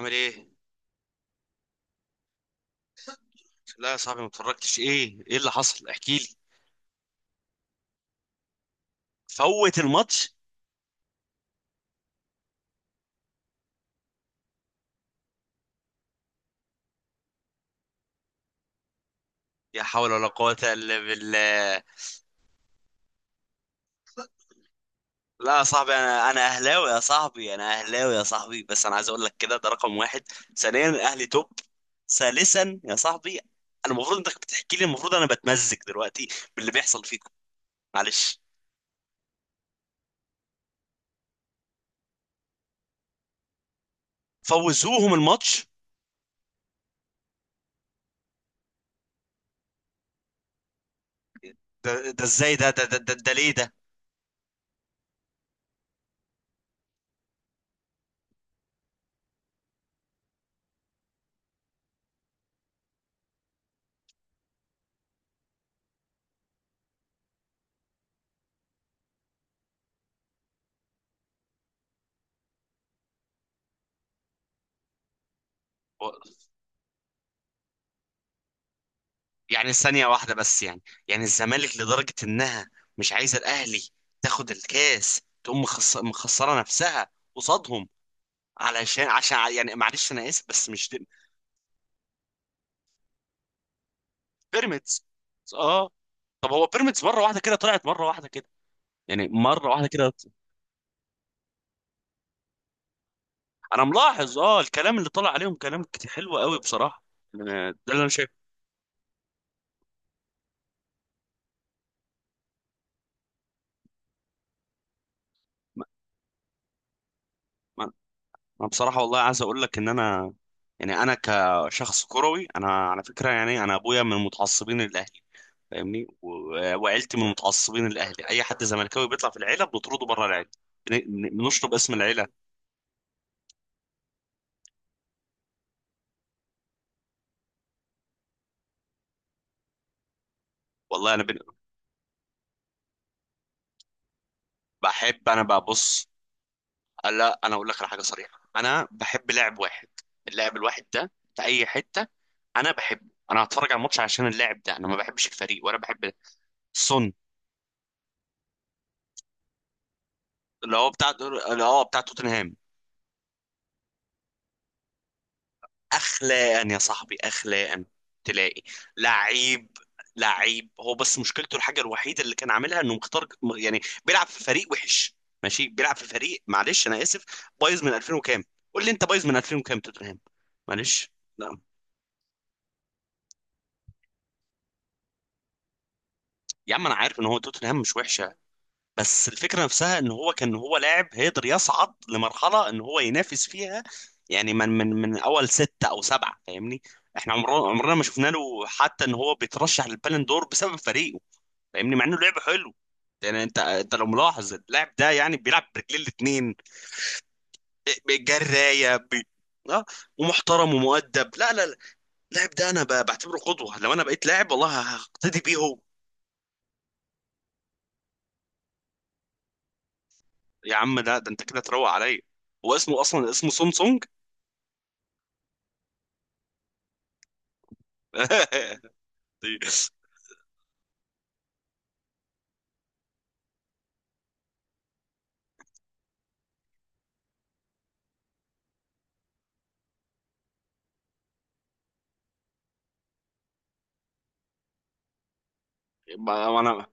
عامل ايه؟ لا يا صاحبي ما اتفرجتش ايه؟ ايه اللي حصل؟ احكي لي. فوت الماتش. يا حول ولا قوة الا بالله. لا يا صاحبي انا اهلاوي يا صاحبي انا اهلاوي يا صاحبي، بس انا عايز اقول لك كده، ده رقم واحد. ثانيا الاهلي توب. ثالثا يا صاحبي انا المفروض انك بتحكي لي، المفروض انا بتمزج دلوقتي باللي بيحصل فيكم. معلش. فوزوهم الماتش. ده ده ازاي؟ ده ليه ده؟ يعني ثانية واحدة بس، يعني يعني الزمالك لدرجة إنها مش عايزة الأهلي تاخد الكاس، تقوم مخسرة نفسها قصادهم؟ علشان يعني معلش أنا آسف بس مش دي. بيراميدز. آه. طب هو بيراميدز مرة واحدة كده طلعت؟ مرة واحدة كده، يعني مرة واحدة كده. أنا ملاحظ، آه، الكلام اللي طلع عليهم كلام حلو قوي بصراحة. ده اللي أنا شايفه. ما ما- ما بصراحة والله عايز أقول لك إن أنا يعني أنا كشخص كروي، أنا على فكرة يعني أنا أبويا من المتعصبين للأهلي، فاهمني، وعيلتي من المتعصبين الاهلي. اي حد زملكاوي بيطلع في العيله بنطرده بره العيله، بنشطب اسم العيله. والله انا بن- بحب انا ببص. لا انا اقول لك على حاجه صريحه، انا بحب لاعب واحد، اللاعب الواحد ده في اي حته انا بحبه، انا هتفرج على الماتش عشان اللاعب ده، انا ما بحبش الفريق ولا بحب. سون. اللي هو بتاع اللي هو بتاع توتنهام. اخلاقا يا صاحبي، اخلاقا. تلاقي لعيب، لعيب هو، بس مشكلته الحاجه الوحيده اللي كان عاملها انه مختار، يعني بيلعب في فريق وحش. ماشي، بيلعب في فريق، معلش انا اسف، بايظ من 2000 وكام. قول لي انت، بايظ من 2000 وكام توتنهام. معلش. لا يا عم انا عارف ان هو توتنهام مش وحش، بس الفكرة نفسها ان هو كان هو لاعب هيقدر يصعد لمرحلة ان هو ينافس فيها، يعني من اول ستة او سبعة، فاهمني. احنا عمرنا ما شفنا له حتى ان هو بيترشح للبالون دور بسبب فريقه، فاهمني، مع انه لعب حلو. يعني انت لو ملاحظ اللاعب ده، يعني بيلعب برجلين الاتنين، جراية اه. ومحترم ومؤدب، لا لا لا، اللاعب ده انا بعتبره قدوة. لو انا بقيت لاعب والله هقتدي بيه هو. يا عم لا، ده انت كده تروق عليا. هو اسمه اصلا، اسمه سونسونج. دي ما انا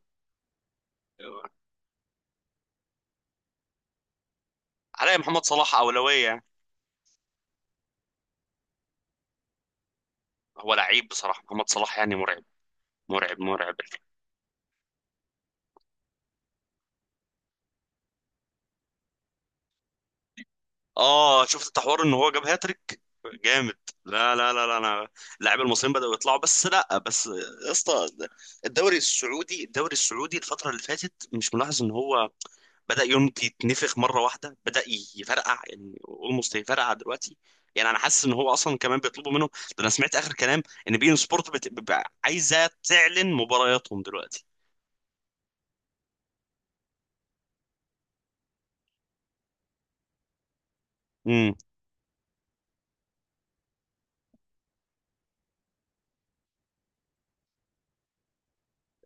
علي محمد صلاح اولويه، يعني هو لعيب بصراحه، محمد صلاح يعني مرعب، مرعب مرعب. اه شفت التحوار ان هو جاب هاتريك؟ جامد. لا لا لا لا، انا اللاعب المصريين بداوا يطلعوا، بس لا بس، يا اسطى، الدوري السعودي، الدوري السعودي الفتره اللي فاتت مش ملاحظ ان هو بدأ يونج يتنفخ مرة واحدة؟ بدأ يفرقع، يعني اولموست يفرقع دلوقتي. يعني انا حاسس ان هو اصلا كمان بيطلبوا منه ده. انا سمعت اخر كلام ان بين سبورت عايزة تعلن مبارياتهم دلوقتي. امم.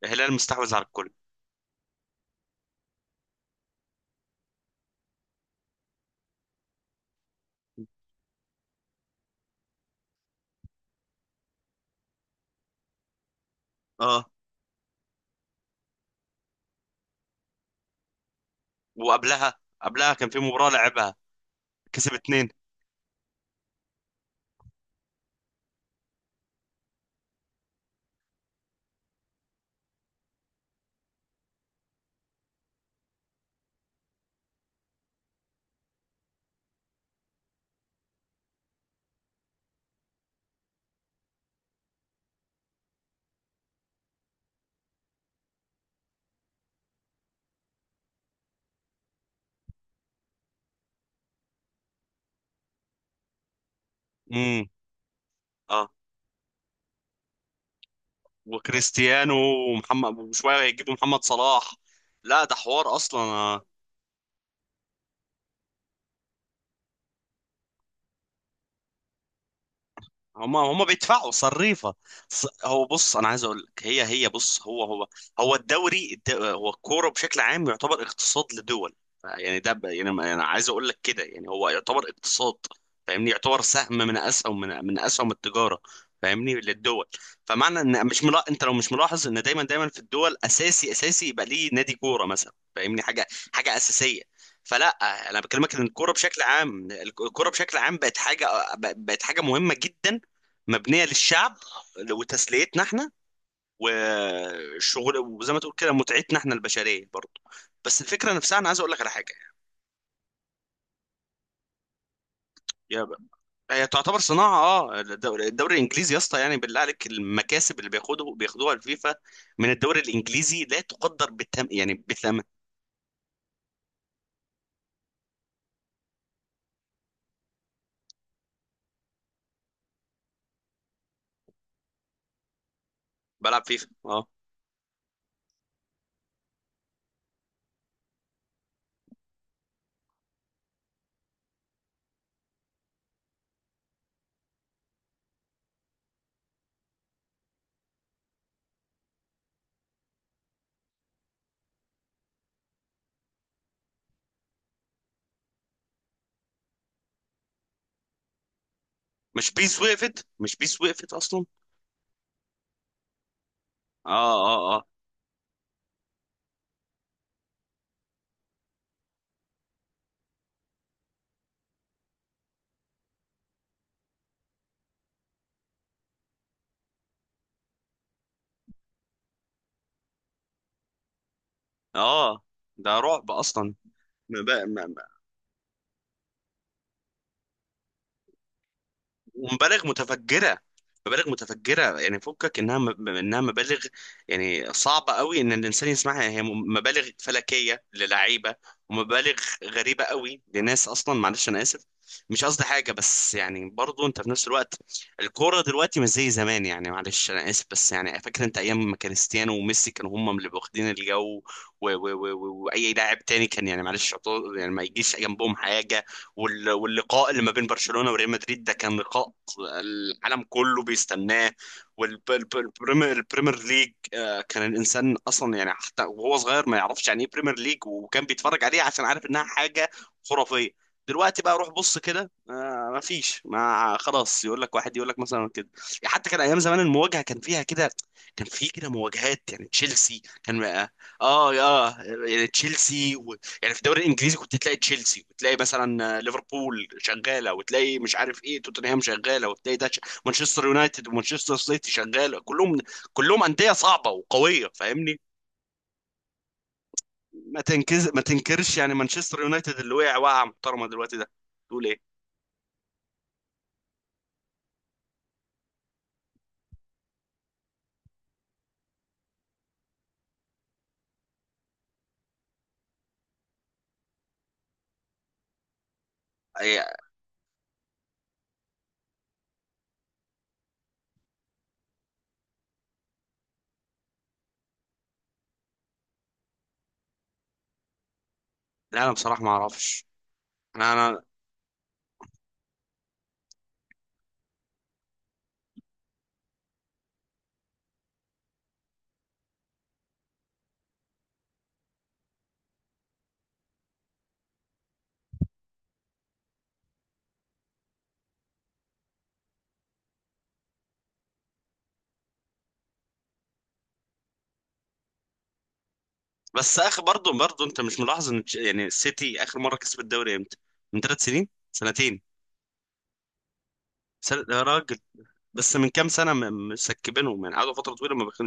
الهلال مستحوذ على الكل. اه، وقبلها كان في مباراة لعبها، كسب اتنين. امم. اه. وكريستيانو ومحمد وشوية هيجيبوا محمد صلاح، لا ده حوار اصلا. هما بيدفعوا صريفة. هو بص انا عايز اقول لك، هي بص، هو هو هو الكورة بشكل عام يعتبر اقتصاد لدول، يعني ده انا عايز اقول لك كده، يعني هو يعتبر اقتصاد، فاهمني، يعتبر سهم من اسهم من اسهم التجارة، فاهمني، للدول. فمعنى ان مش انت لو مش ملاحظ ان دايما في الدول اساسي، اساسي يبقى ليه نادي كورة مثلا، فاهمني، حاجة حاجة اساسية. فلا، انا بكلمك ان الكوره بشكل عام، الكوره بشكل عام بقت حاجه، بقت حاجه مهمه جدا، مبنيه للشعب وتسليتنا احنا والشغل، وزي ما تقول كده متعتنا احنا البشريه برضه. بس الفكره نفسها، انا عايز اقول لك على حاجه. يا ب- هي تعتبر صناعه. اه الدوري، الدوري الانجليزي يا اسطى، يعني بالله عليك المكاسب اللي بياخدوها الفيفا من الدوري الانجليزي لا تقدر بالثمن، يعني بالثمن. بلعب فيفا اه. مش بيس وقفت، مش بيس وقفت اصلا. اه اه. اه اه. ده رعب اصلا. ومبالغ متفجره، مبالغ متفجره، يعني فكك انها انها مبالغ، يعني صعبه قوي ان الانسان يسمعها، هي مبالغ فلكيه للعيبه ومبالغ غريبه قوي لناس اصلا، معلش انا اسف، مش قصدي حاجه، بس يعني برضو انت في نفس الوقت الكوره دلوقتي مش زي زمان، يعني معلش انا اسف، بس يعني فاكر انت ايام ما كريستيانو وميسي كانوا هم اللي واخدين الجو، واي لاعب تاني كان، يعني معلش يعني ما يجيش جنبهم حاجه، واللقاء اللي ما بين برشلونة وريال مدريد، ده كان لقاء العالم كله بيستناه. والبريمير ليج، آه، كان الانسان اصلا يعني حتى وهو صغير ما يعرفش يعني ايه بريمير ليج، وكان بيتفرج عليه عشان عارف انها حاجة خرافية. دلوقتي بقى روح بص كده، آه، ما فيش، ما خلاص، يقول لك واحد يقول لك مثلا كده. يعني حتى كان ايام زمان المواجهه كان فيها كده، كان في كده مواجهات، يعني تشيلسي كان اه. اه، يعني تشيلسي، يعني في الدوري الانجليزي كنت تلاقي تشيلسي، وتلاقي مثلا، آه، ليفربول شغاله، وتلاقي مش عارف ايه، توتنهام شغاله، وتلاقي ده مانشستر يونايتد ومانشستر سيتي شغاله، كلهم كلهم انديه صعبه وقويه، فاهمني. ما تنكرش، يعني مانشستر يونايتد اللي وقع وقعه محترمه دلوقتي ده تقول ايه؟ أي- لا انا بصراحه ما اعرفش. انا أنا- بس اخر، برضه برضه انت مش ملاحظ ان يعني السيتي اخر مره كسب الدوري امتى؟ من ثلاث سنين، سنتين، سنة يا راجل. بس من كام سنه مسكبينهم، يعني قعدوا فتره طويله ما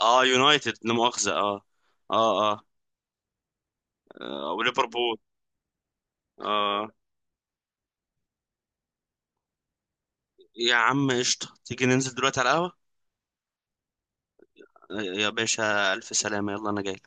اه. يونايتد لا مؤاخذة اه. اه اه, آه وليفربول. اه. يا عم قشطة، تيجي ننزل دلوقتي على القهوة. آه، يا باشا ألف سلامة، يلا أنا جاي.